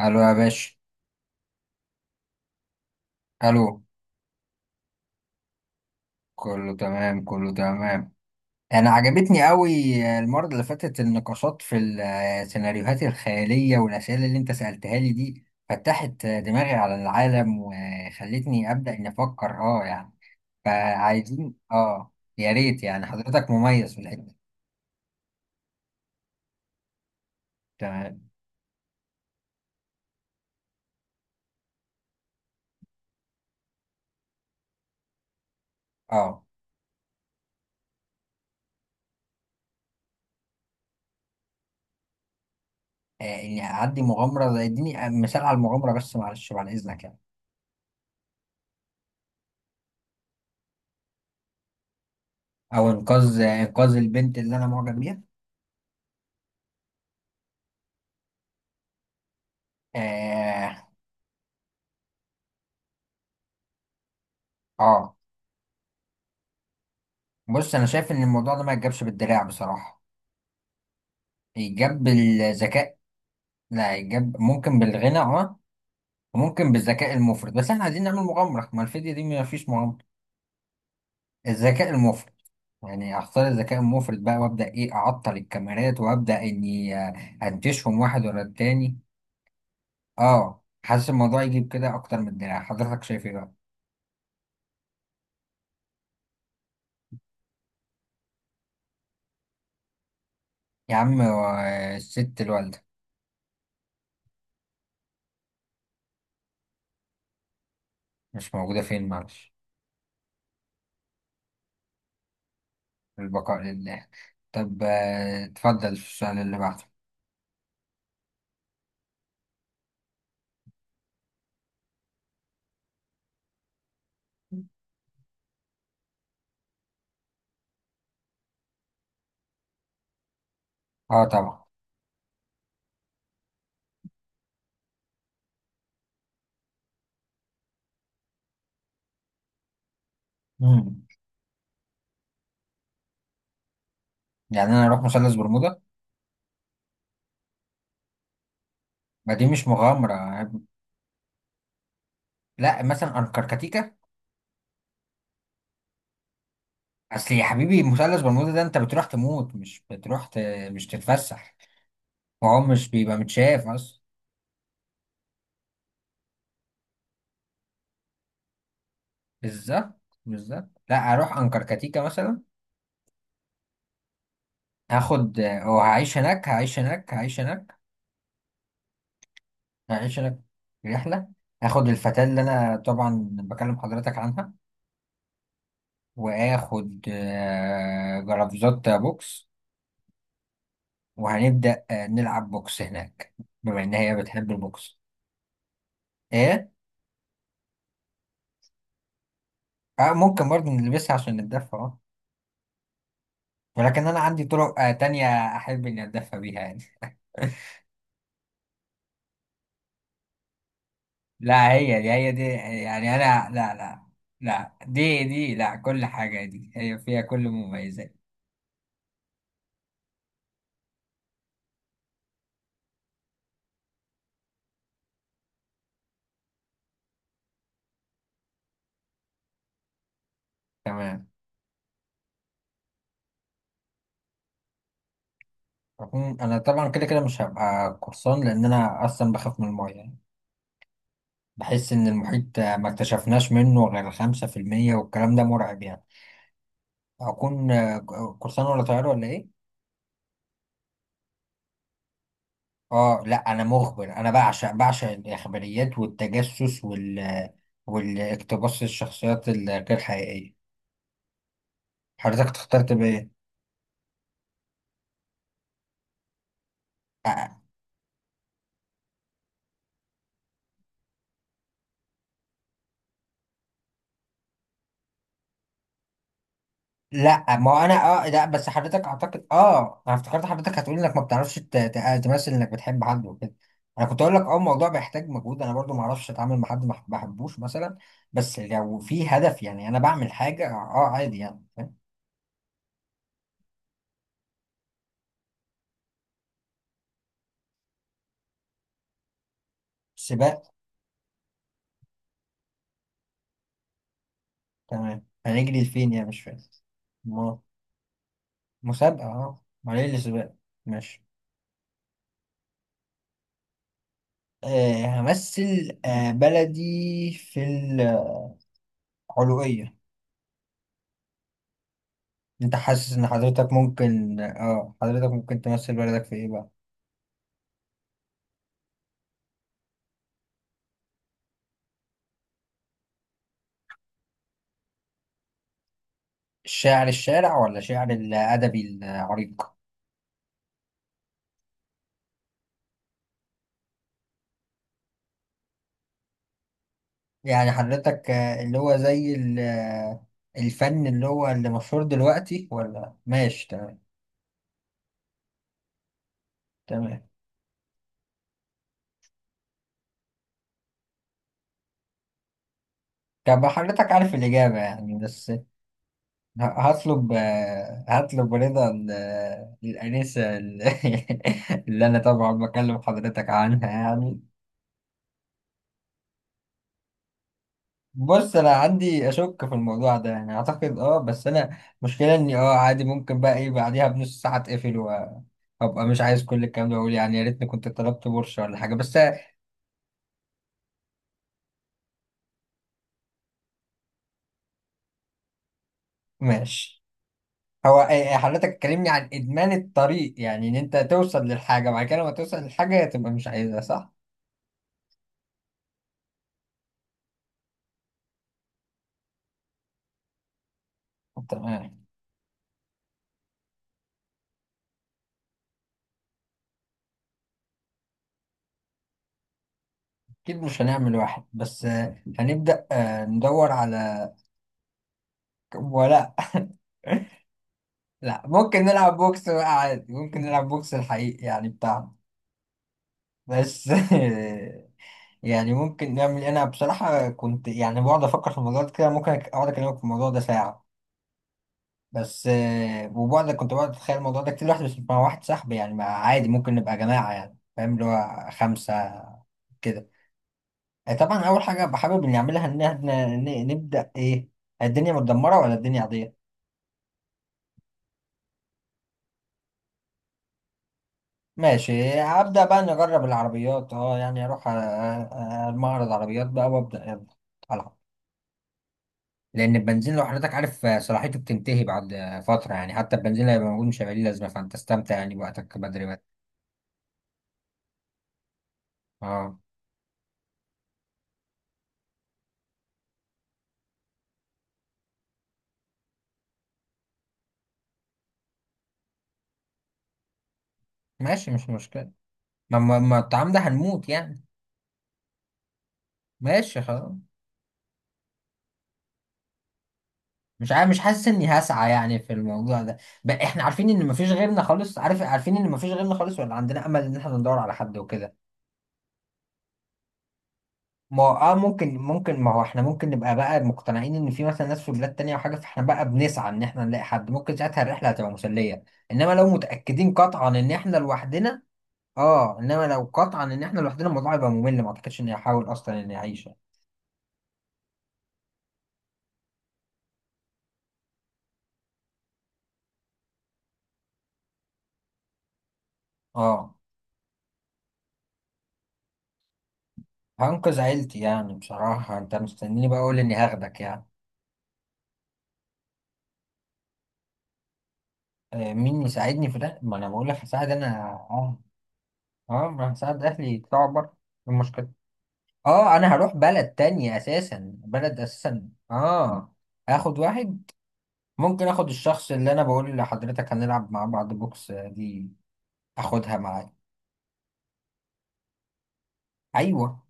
الو يا باشا. الو. كله تمام، كله تمام. انا عجبتني قوي. المره اللي فاتت النقاشات في السيناريوهات الخياليه والاسئله اللي انت سالتها لي دي فتحت دماغي على العالم وخلتني ابدا اني افكر يعني. فعايزين يا ريت يعني حضرتك مميز في الحته دي. تمام. اه اني اعدي مغامره اديني مثال على المغامره بس معلش بعد اذنك يعني. او انقاذ البنت اللي انا معجب بيها. اه. آه. بص، انا شايف ان الموضوع ده ما يتجابش بالدراع بصراحه. يتجاب بالذكاء. لا، يتجاب ممكن بالغنى وممكن بالذكاء المفرط، بس احنا عايزين نعمل مغامره، ما الفيديو دي ما فيش مغامره. الذكاء المفرط. يعني اختار الذكاء المفرط بقى، وابدا ايه، اعطل الكاميرات وابدا اني انتشهم واحد ورا التاني. اه، حاسس الموضوع يجيب كده اكتر من الدراع. حضرتك شايف ايه بقى؟ يا عم، الست الوالده. مش موجوده فين؟ معلش. البقاء لله. طب اتفضل السؤال اللي بعده. اه طبعا. مم. يعني انا اروح مثلث برمودا. ما دي مش مغامره. لا، مثلا انكركتيكا. اصل يا حبيبي مثلث برمودا ده انت بتروح تموت، مش بتروح مش تتفسح. وهو مش بيبقى متشاف اصلا. بالظبط. بالظبط. لا اروح انكركتيكا مثلا. هاخد وهعيش هناك، هعيش هناك، هعيش هناك. هعيش هناك. رحله. هاخد الفتاة اللي انا طبعا بكلم حضرتك عنها. واخد جرافزات بوكس. وهنبدأ نلعب بوكس هناك، بما إن هي بتحب البوكس. إيه؟ آه ممكن برضه نلبسها عشان نتدفى ولكن أنا عندي طرق تانية. أحب إني أتدفى بيها يعني. لا، هي دي هي دي. يعني أنا لا، لا. لا دي لا، كل حاجة دي هي فيها كل المميزات. تمام. أكون- أنا طبعا كده كده مش هبقى قرصان، لأن أنا أصلا بخاف من المية يعني. بحس إن المحيط ما اكتشفناش منه غير 5%، والكلام ده مرعب يعني. أكون قرصان ولا طيار ولا إيه؟ اه لا، انا مخبر. انا بعشق الاخباريات والتجسس وال والاقتباس الشخصيات الغير حقيقيه. حضرتك اخترت بايه؟ آه. لا ما هو انا. اه لا بس حضرتك، اعتقد انا افتكرت حضرتك هتقول انك ما بتعرفش تمثل انك بتحب حد وكده. انا كنت اقول لك الموضوع بيحتاج مجهود، انا برضو ما اعرفش اتعامل مع حد ما بحبوش مثلا. بس لو في هدف يعني انا بعمل حاجه عادي يعني، فاهم. سباق. تمام، هنجري لفين يعني؟ مش فاهم. مسابقة، معلش الأسباب. ماشي. همثل بلدي في العلوية. انت حاسس ان حضرتك ممكن حضرتك ممكن تمثل بلدك في ايه بقى؟ الشعر الشارع ولا شعر الأدبي العريق؟ يعني حضرتك اللي هو زي الفن اللي هو اللي مشهور دلوقتي ولا، ماشي تمام. تمام. طب حضرتك عارف الإجابة يعني، بس. هطلب. رضا الأنسة اللي أنا طبعا بكلم حضرتك عنها يعني. بص، أنا عندي أشك في الموضوع ده يعني، أعتقد بس أنا مشكلة إني عادي، ممكن بقى إيه بعديها بنص ساعة أتقفل وأبقى مش عايز كل الكلام ده، وأقول يعني يا ريتني كنت طلبت بورشة ولا حاجة بس. ماشي. هو إيه، حضرتك اتكلمني عن إدمان الطريق يعني إن أنت توصل للحاجة، بعد كده لما توصل للحاجة تبقى مش عايزها، صح؟ تمام. أكيد مش هنعمل واحد بس. هنبدأ ندور على. ولا. لا، ممكن نلعب بوكس بقى عادي، ممكن نلعب بوكس الحقيقي يعني بتاعنا. بس. يعني ممكن نعمل إيه؟ أنا بصراحة كنت يعني بقعد أفكر في الموضوع ده كده، ممكن أقعد أكلمك في الموضوع ده ساعة. بس وبقعد كنت بقعد أتخيل الموضوع ده كتير لوحدي، بس مع واحد صاحبي يعني، مع عادي ممكن نبقى جماعة يعني، فاهم اللي هو خمسة كده. طبعا أول حاجة بحابب نعملها إن إحنا نبدأ إيه، الدنيا متدمرة ولا الدنيا عادية. ماشي، هبدأ بقى نجرب العربيات. اه يعني اروح المعرض عربيات بقى وابدأ يلا العب. لان البنزين لو حضرتك عارف صلاحيته بتنتهي بعد فترة يعني، حتى البنزين اللي هيبقى موجود مش هيبقى ليه لازمة، فانت استمتع يعني بوقتك، بدري بدري. اه. ماشي، مش مشكلة. ما الطعام ده هنموت يعني. ماشي خلاص. مش عارف، مش حاسس اني هسعى يعني في الموضوع ده، بقى احنا عارفين ان مفيش غيرنا خالص، عارفين ان مفيش غيرنا خالص، ولا عندنا امل ان احنا ندور على حد وكده. ما هو- اه ممكن ما هو احنا ممكن نبقى بقى مقتنعين ان في مثلا ناس في بلاد تانية او حاجة، فاحنا بقى بنسعى ان احنا نلاقي حد، ممكن ساعتها الرحلة هتبقى مسلية. انما لو متأكدين قطعا ان احنا لوحدنا. اه انما لو قطعا ان احنا لوحدنا الموضوع هيبقى ممل، ما اعتقدش اني هحاول اصلا اني اعيش. اه، هنقذ عيلتي يعني. بصراحة انت مستنيني بقى اقول اني هاخدك يعني. آه مين يساعدني في ده، ما انا بقول لك هساعد انا. اه، اه، ما هساعد اهلي يطلعوا بره. إيه المشكلة؟ اه انا هروح بلد تانية اساسا، بلد اساسا اه اخد واحد. ممكن اخد الشخص اللي انا بقول لحضرتك هنلعب مع بعض بوكس، دي. اخدها معايا. ايوه.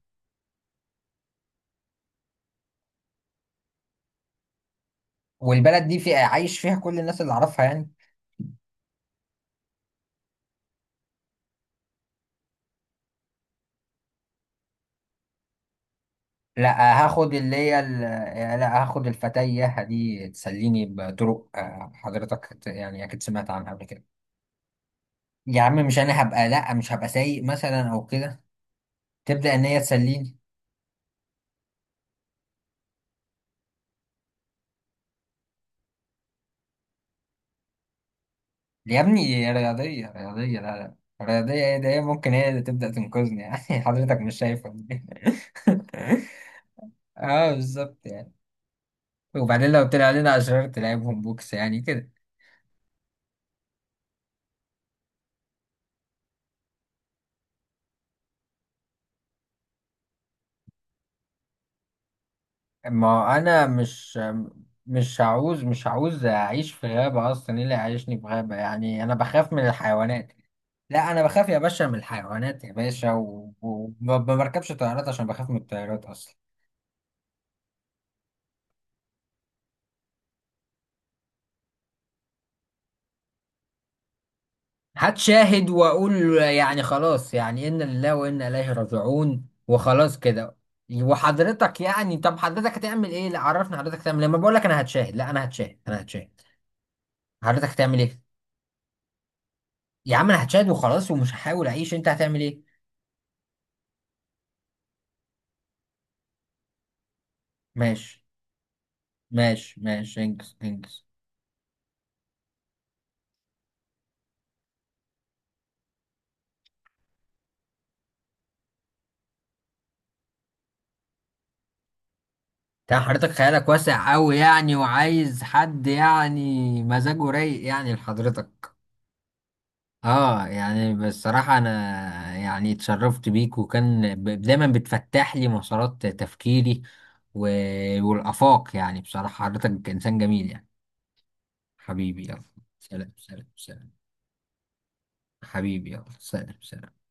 والبلد دي في عايش فيها كل الناس اللي اعرفها يعني. لا هاخد اللي هي ال- لا هاخد الفتية دي تسليني بطرق، حضرتك يعني اكيد سمعت عنها قبل كده. يا عم، مش انا هبقى، لا مش هبقى سايق مثلا او كده. تبدأ ان هي تسليني. يا ابني رياضية، رياضية، لا لا. رياضية ايه ده، هي ممكن هي اللي تبدأ تنقذني يعني. حضرتك مش شايفة دي. اه بالظبط يعني. وبعدين لو طلع لنا أشرار تلعبهم بوكس يعني كده. ما أنا مش، مش هعوز أعيش في غابة أصلا. إيه اللي هيعيشني في غابة يعني، أنا بخاف من الحيوانات. لا أنا بخاف يا باشا من الحيوانات يا باشا. وما بركبش طيارات عشان بخاف من الطيارات أصلا. هتشاهد واقول. يعني خلاص يعني، انا لله وانا اليه راجعون وخلاص كده. وحضرتك يعني طب حضرتك هتعمل ايه؟ لا عرفني حضرتك هتعمل ايه، ما بقول لك انا هتشاهد، لا انا هتشاهد، انا هتشاهد. حضرتك هتعمل ايه؟ يا عم انا هتشاهد وخلاص، ومش هحاول اعيش. انت هتعمل ايه؟ ماشي، ماشي، ماشي، انجز انجز. تمام، حضرتك خيالك واسع قوي يعني، وعايز حد يعني مزاجه رايق يعني لحضرتك. اه يعني بصراحة انا يعني اتشرفت بيك، وكان دايما بتفتح لي مسارات تفكيري و... والآفاق يعني. بصراحة حضرتك انسان جميل يعني. حبيبي يلا، سلام سلام سلام. حبيبي يلا، سلام سلام.